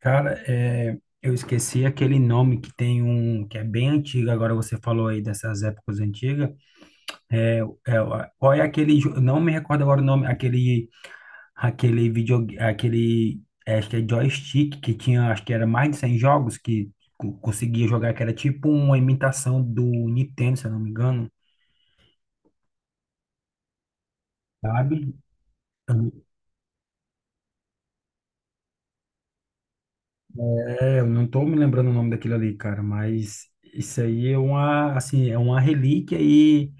Cara, eu esqueci aquele nome que tem um que é bem antigo. Agora você falou aí dessas épocas antigas. É, é, qual é aquele? Não me recordo agora o nome. Aquele vídeo, acho que é joystick que tinha, acho que era mais de 100 jogos que conseguia jogar. Que era tipo uma imitação do Nintendo, se eu não me engano, sabe? É, eu não tô me lembrando o nome daquilo ali, cara. Mas isso aí é uma, assim, é uma relíquia e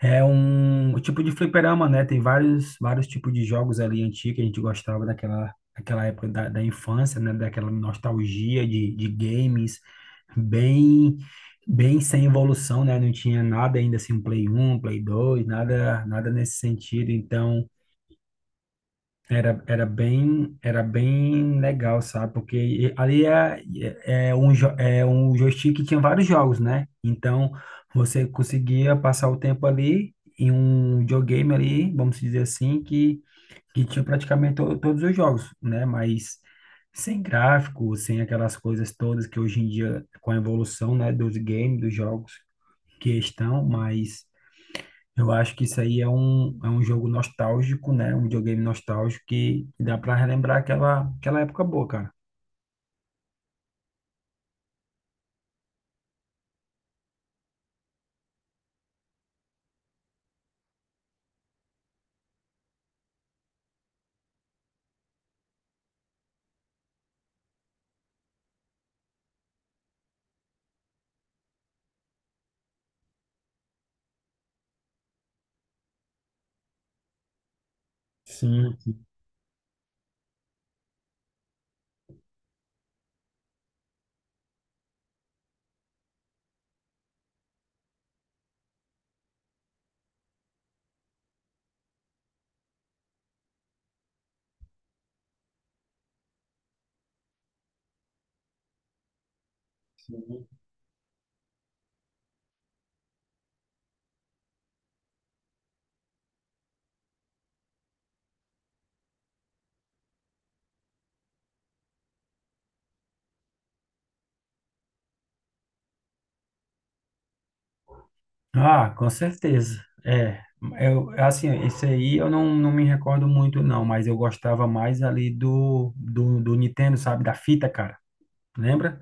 é um tipo de fliperama, né? Tem vários tipos de jogos ali antigos que a gente gostava daquela época da infância, né? Daquela nostalgia de games bem, bem sem evolução, né? Não tinha nada ainda assim, um Play 1, Play 2, nada, nada nesse sentido. Então, era bem legal, sabe? Porque ali é, é é um, jo- é um joystick que tinha vários jogos, né? Então, você conseguia passar o tempo ali em um videogame ali, vamos dizer assim, que tinha praticamente todos os jogos, né? Mas sem gráfico, sem aquelas coisas todas que hoje em dia, com a evolução, né, dos games, dos jogos que estão, mas... Eu acho que isso aí é um jogo nostálgico, né? Um videogame nostálgico que dá para relembrar aquela época boa, cara. Sim, sim, sim. Ah, com certeza. É, eu, assim, esse aí eu não, não me recordo muito, não, mas eu gostava mais ali do Nintendo, sabe? Da fita, cara. Lembra?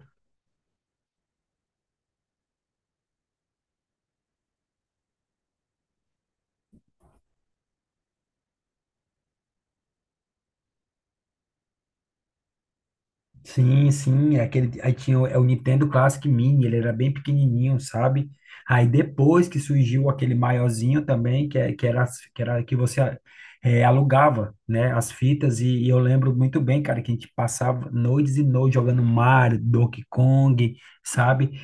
Sim, sim, é aquele, aí tinha o, é o Nintendo Classic Mini, ele era bem pequenininho, sabe? Aí depois que surgiu aquele maiorzinho também, que, é- que era, as- que era que você é, alugava, né, as fitas, e eu lembro muito bem, cara, que a gente passava noites e noites jogando Mario, Donkey Kong, sabe?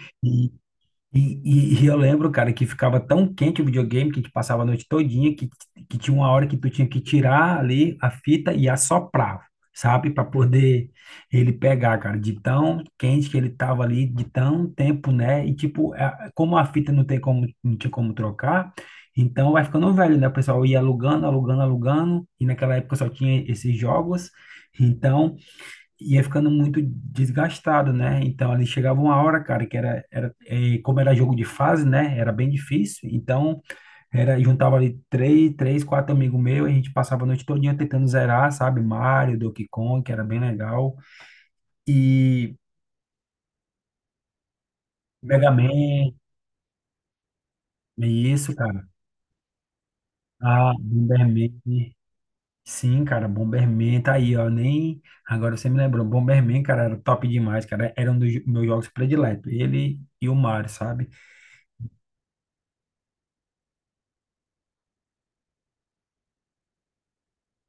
E eu lembro, cara, que ficava tão quente o videogame que a gente passava a noite todinha que tinha uma hora que tu tinha que tirar ali a fita e assoprar, sabe? Para poder ele pegar, cara, de tão quente que ele tava ali, de tão tempo, né? E tipo, como a fita não tem como, não tinha como trocar, então vai ficando velho, né? O pessoal ia alugando, alugando, alugando, e naquela época só tinha esses jogos. Então, ia ficando muito desgastado, né? Então ali chegava uma hora, cara, que era, era eh, como era jogo de fase, né? Era bem difícil. Então era juntava ali três, quatro amigos meus, e a gente passava a noite todinha tentando zerar, sabe? Mario, Donkey Kong, que era bem legal, e Mega Man, e isso, cara. Ah, Bomberman. Sim, cara, Bomberman tá aí, ó. Nem agora você me lembrou. Bomberman, cara, era top demais, cara. Era um dos meus jogos prediletos. Ele e o Mario, sabe?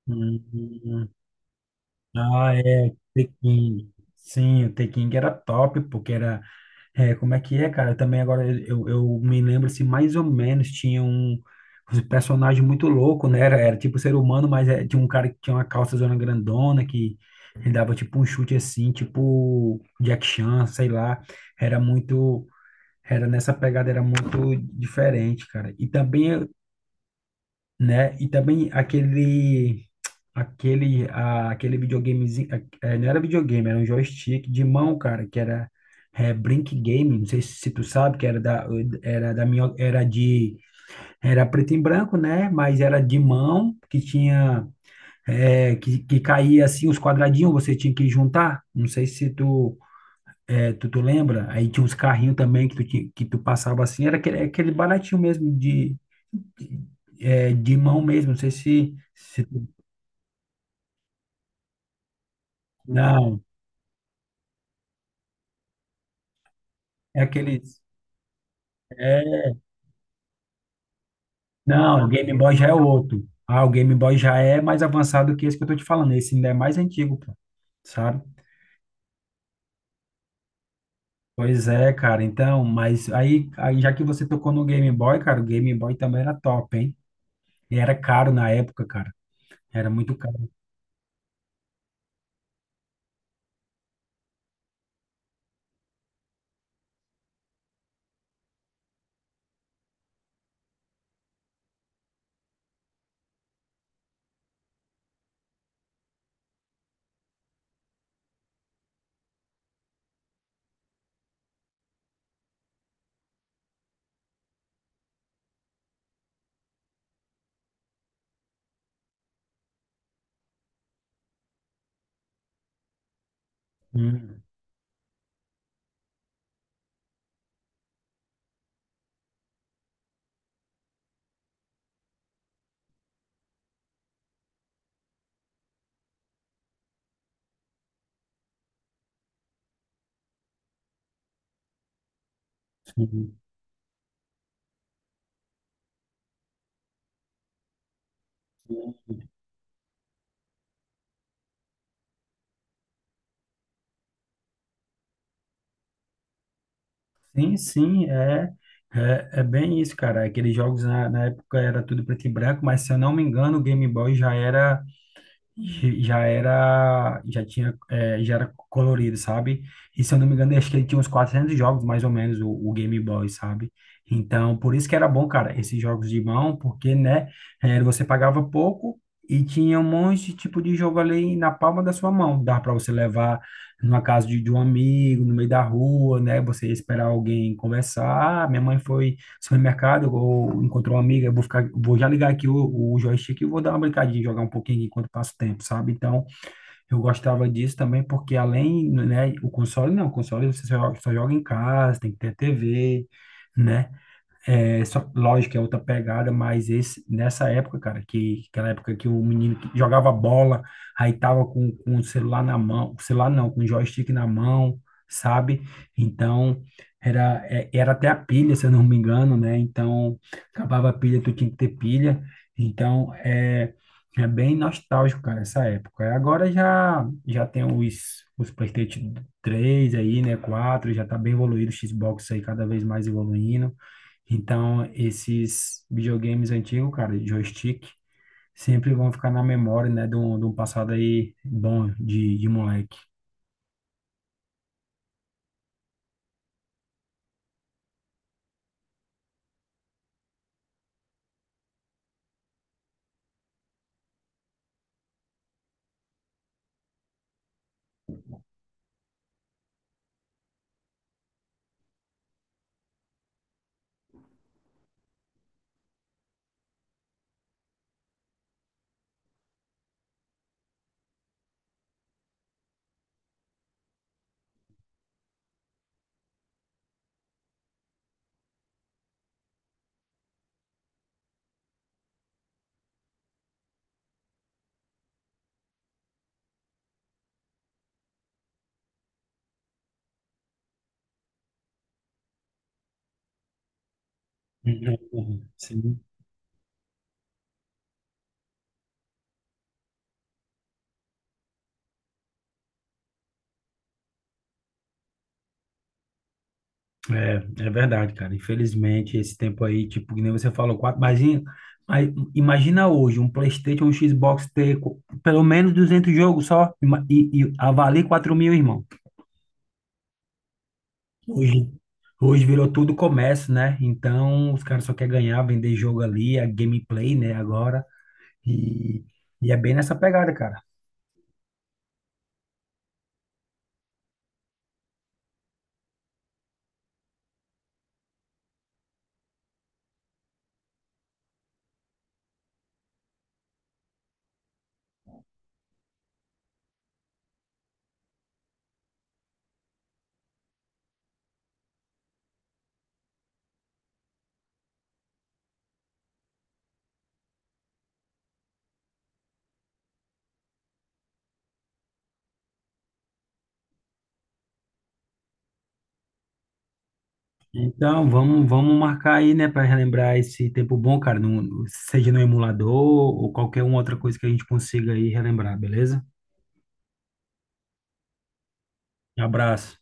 Hum, hum, hum. Ah, é, Tekken. Sim, o Tekken era top, porque era. É, como é que é, cara? Também agora eu me lembro se mais ou menos tinha um personagem muito louco, né? Era tipo ser humano, mas é, tinha um cara que tinha uma calça zona grandona que ele dava tipo um chute assim, tipo Jack Chan, sei lá. Era muito. Era nessa pegada, era muito diferente, cara. E também né? E também aquele videogamezinho, não era videogame, era um joystick de mão, cara, que era é, Brink Game, não sei se tu sabe, que era da minha era de era preto e branco, né? Mas era de mão que tinha que caía assim os quadradinhos, você tinha que juntar. Não sei se tu tu lembra. Aí tinha uns carrinhos também que tu, tinha- que tu passava assim, era aquele baratinho mesmo de é, de mão mesmo, não sei Não, é aqueles. É, não, o Game Boy já é outro. Ah, o Game Boy já é mais avançado que esse que eu tô te falando. Esse ainda é mais antigo, pô, sabe? Pois é, cara. Então, aí já que você tocou no Game Boy, cara, o Game Boy também era top, hein? E era caro na época, cara. Era muito caro. Hum, sim. Sim, sim, é bem e já era, já tinha, é, já era colorido, sabe? E se eu não me engano, acho que ele tinha uns 400 jogos, mais ou menos, o Game Boy, sabe? Então, por isso que era bom, cara, esses jogos de mão, porque, né, é, você pagava pouco e tinha um monte de tipo de jogo ali na palma da sua mão. Dava para você levar numa casa de um amigo, no meio da rua, né? Você ia esperar alguém conversar. Ah, minha mãe foi supermercado, ou encontrou uma amiga, eu vou ficar, vou já ligar aqui o joystick e vou dar uma brincadinha, jogar um pouquinho aqui enquanto passa o tempo, sabe? Então, eu gostava disso também, porque além, né, o console não, o console você só joga em casa, tem que ter TV, né? É, só, lógico, é outra pegada, mas esse, nessa época, cara, que aquela época que o menino que jogava bola, aí tava com o celular na mão, celular não, com o joystick na mão, sabe? Então, era até a pilha, se eu não me engano, né? Então, acabava a pilha, tu tinha que ter pilha. Então, é, é bem nostálgico, cara, essa época. Agora já tem os PlayStation 3 aí, né? Quatro já tá bem evoluído, o Xbox aí cada vez mais evoluindo. Então, esses videogames antigos, cara, de joystick, sempre vão ficar na memória, né, de um passado aí bom de moleque. Uhum, sim, é, é verdade, cara. Infelizmente, esse tempo aí, tipo, que nem você falou, quatro, mas imagina hoje um PlayStation, um Xbox ter pelo menos 200 jogos só e avalie 4.000, irmão. Hoje, hoje virou tudo comércio, né? Então, os caras só querem ganhar, vender jogo ali, a gameplay, né? Agora. E, e é bem nessa pegada, cara. Então, vamos, vamos marcar aí, né, para relembrar esse tempo bom, cara, no, seja no emulador ou qualquer uma outra coisa que a gente consiga aí relembrar, beleza? Um abraço.